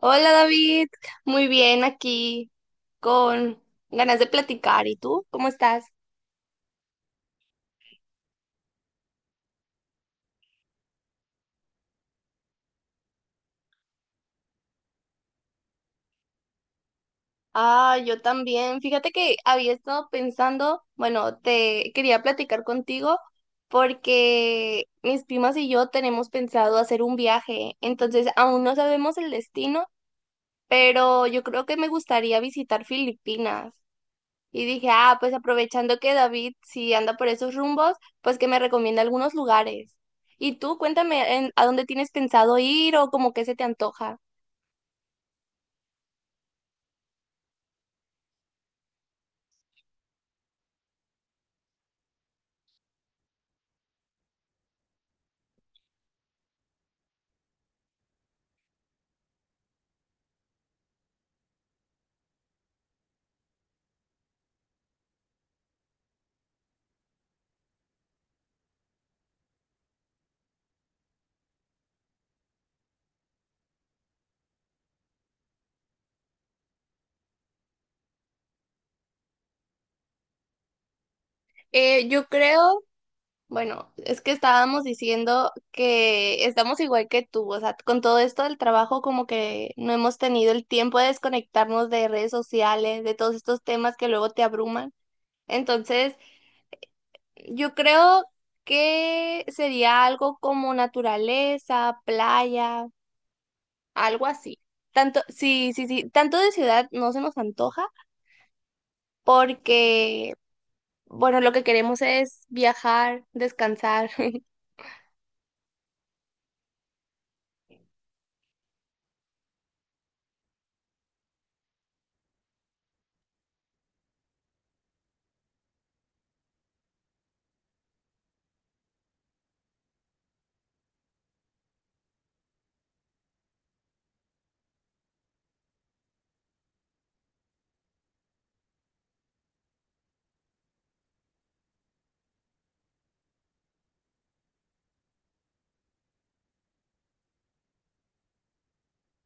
Hola David, muy bien aquí con ganas de platicar. ¿Y tú? ¿Cómo estás? Ah, yo también. Fíjate que había estado pensando, bueno, te quería platicar contigo porque mis primas y yo tenemos pensado hacer un viaje. Entonces aún no sabemos el destino, pero yo creo que me gustaría visitar Filipinas. Y dije, ah, pues aprovechando que David si anda por esos rumbos, pues que me recomienda algunos lugares. Y tú, cuéntame a dónde tienes pensado ir o como que se te antoja. Yo creo, bueno, es que estábamos diciendo que estamos igual que tú, o sea, con todo esto del trabajo como que no hemos tenido el tiempo de desconectarnos de redes sociales, de todos estos temas que luego te abruman. Entonces, yo creo que sería algo como naturaleza, playa. Algo así. Tanto, sí, sí, sí, tanto de ciudad no se nos antoja porque, bueno, lo que queremos es viajar, descansar.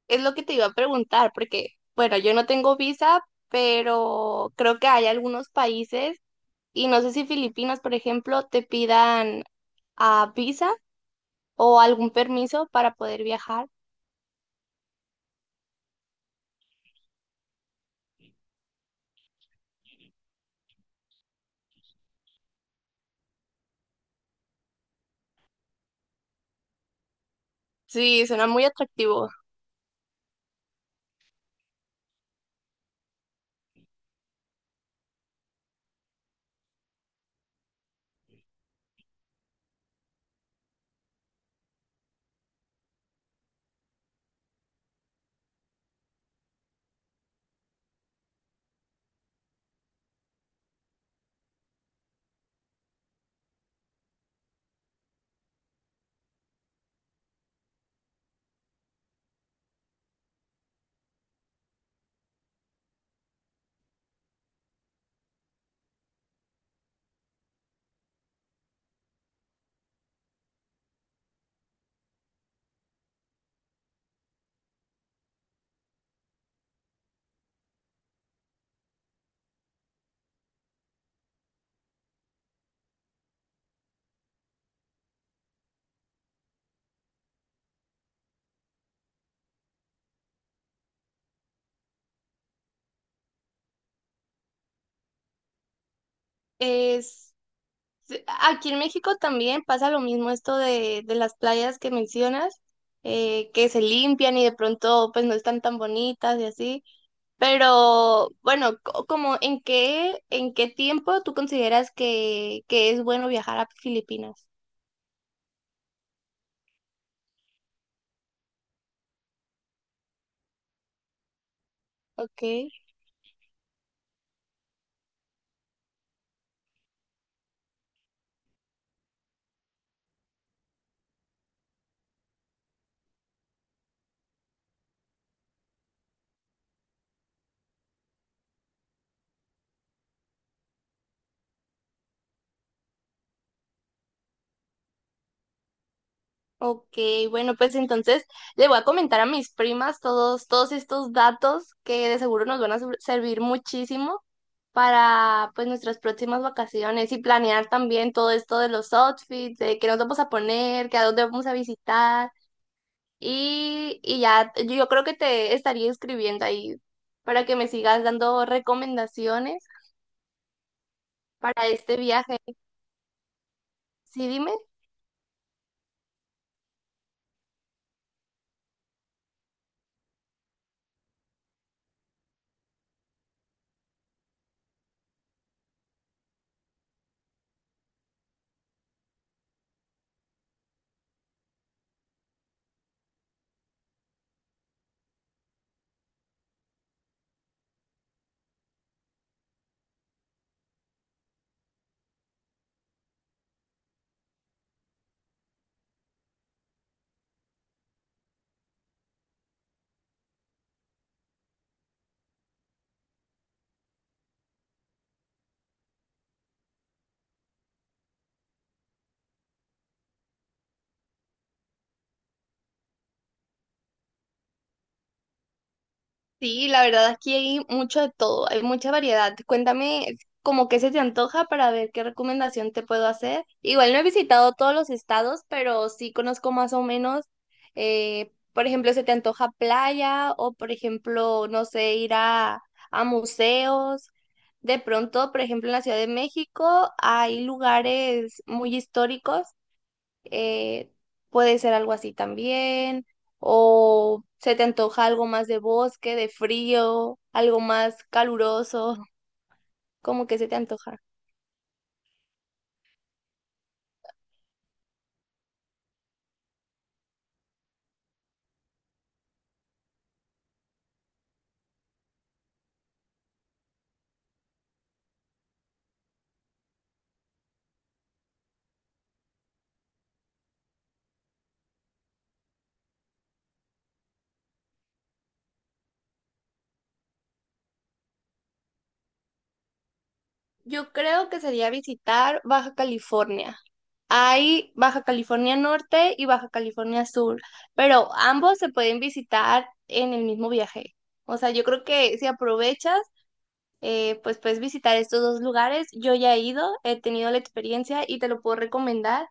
Es lo que te iba a preguntar porque, bueno, yo no tengo visa, pero creo que hay algunos países y no sé si Filipinas, por ejemplo, te pidan visa o algún permiso para poder viajar. Sí, suena muy atractivo. Es Sí, aquí en México también pasa lo mismo, esto de las playas que mencionas, que se limpian y de pronto pues no están tan bonitas y así. Pero bueno, como en qué, ¿en qué tiempo tú consideras que es bueno viajar a Filipinas? Okay. Ok, bueno, pues entonces le voy a comentar a mis primas todos, todos estos datos que de seguro nos van a servir muchísimo para pues nuestras próximas vacaciones, y planear también todo esto de los outfits, de qué nos vamos a poner, qué a dónde vamos a visitar. Y, y ya yo creo que te estaría escribiendo ahí para que me sigas dando recomendaciones para este viaje. Sí, dime. Sí, la verdad aquí hay mucho de todo, hay mucha variedad. Cuéntame como qué se te antoja para ver qué recomendación te puedo hacer. Igual no he visitado todos los estados, pero sí conozco más o menos. Por ejemplo, ¿se te antoja playa? O por ejemplo, no sé, ir a museos. De pronto, por ejemplo, en la Ciudad de México hay lugares muy históricos, eh, puede ser algo así también. O se te antoja algo más de bosque, de frío, algo más caluroso, como que se te antoja. Yo creo que sería visitar Baja California. Hay Baja California Norte y Baja California Sur, pero ambos se pueden visitar en el mismo viaje. O sea, yo creo que si aprovechas, pues puedes visitar estos dos lugares. Yo ya he ido, he tenido la experiencia y te lo puedo recomendar.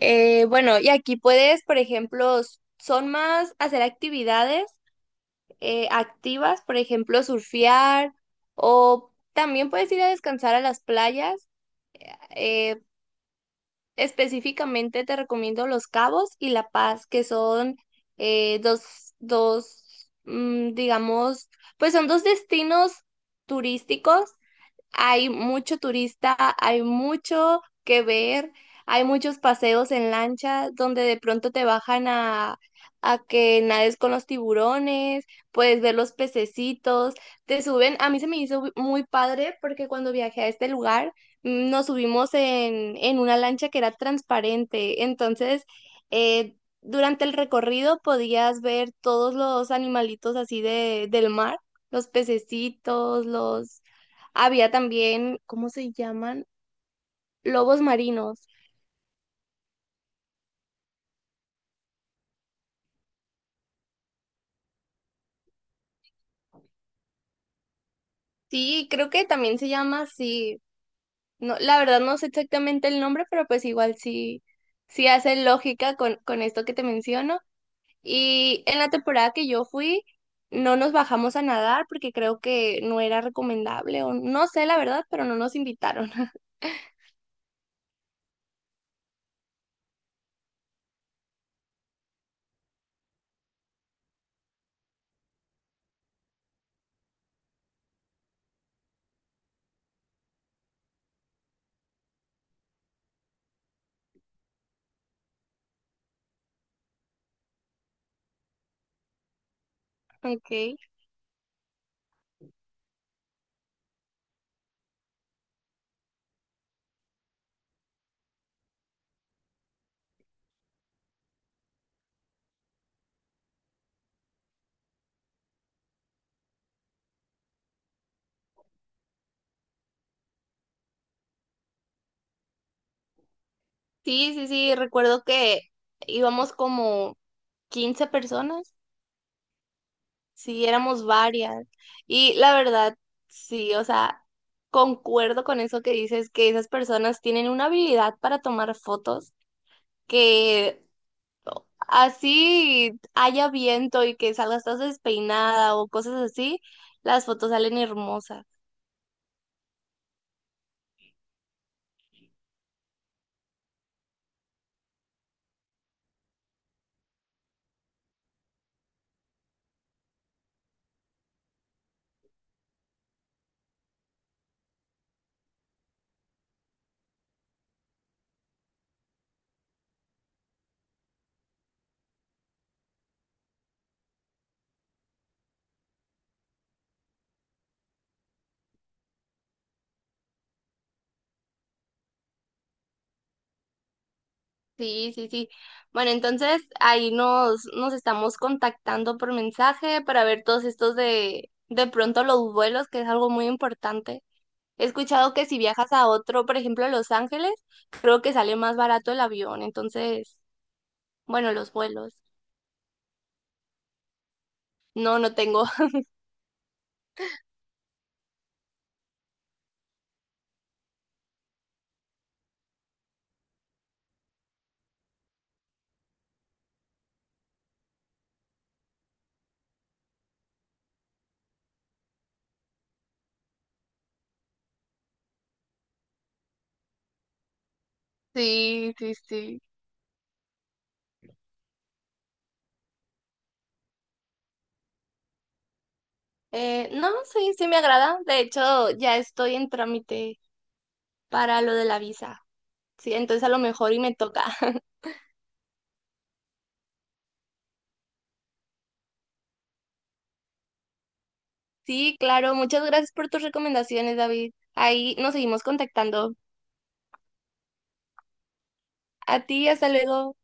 Bueno, y aquí puedes, por ejemplo, son más hacer actividades activas, por ejemplo, surfear, o también puedes ir a descansar a las playas. Eh, específicamente te recomiendo Los Cabos y La Paz, que son dos, dos, digamos, pues son dos destinos turísticos. Hay mucho turista, hay mucho que ver, hay muchos paseos en lancha donde de pronto te bajan a que nades con los tiburones, puedes ver los pececitos, te suben. A mí se me hizo muy padre porque cuando viajé a este lugar, nos subimos en una lancha que era transparente. Entonces, eh, durante el recorrido podías ver todos los animalitos así de, del mar, los pececitos, los... Había también, ¿cómo se llaman? Lobos marinos. Sí, creo que también se llama así. No, la verdad no sé exactamente el nombre, pero pues igual sí, sí hace lógica con esto que te menciono. Y en la temporada que yo fui, no nos bajamos a nadar porque creo que no era recomendable o no sé la verdad, pero no nos invitaron. Okay. Sí, sí, sí, recuerdo que íbamos como 15 personas, sí, éramos varias. Y la verdad, sí, o sea, concuerdo con eso que dices, que esas personas tienen una habilidad para tomar fotos que... Así haya viento y que salgas toda despeinada o cosas así, las fotos salen hermosas. Sí, sí, sí. Bueno, entonces ahí nos, nos estamos contactando por mensaje para ver todos estos de pronto los vuelos, que es algo muy importante. He escuchado que si viajas a otro, por ejemplo, a Los Ángeles, creo que sale más barato el avión. Entonces, bueno, los vuelos. No, no tengo. Sí, sí, sí. No, sí, sí me agrada. De hecho, ya estoy en trámite para lo de la visa. Sí, entonces a lo mejor y me toca. Sí, claro. Muchas gracias por tus recomendaciones, David. Ahí nos seguimos contactando. A ti, hasta luego.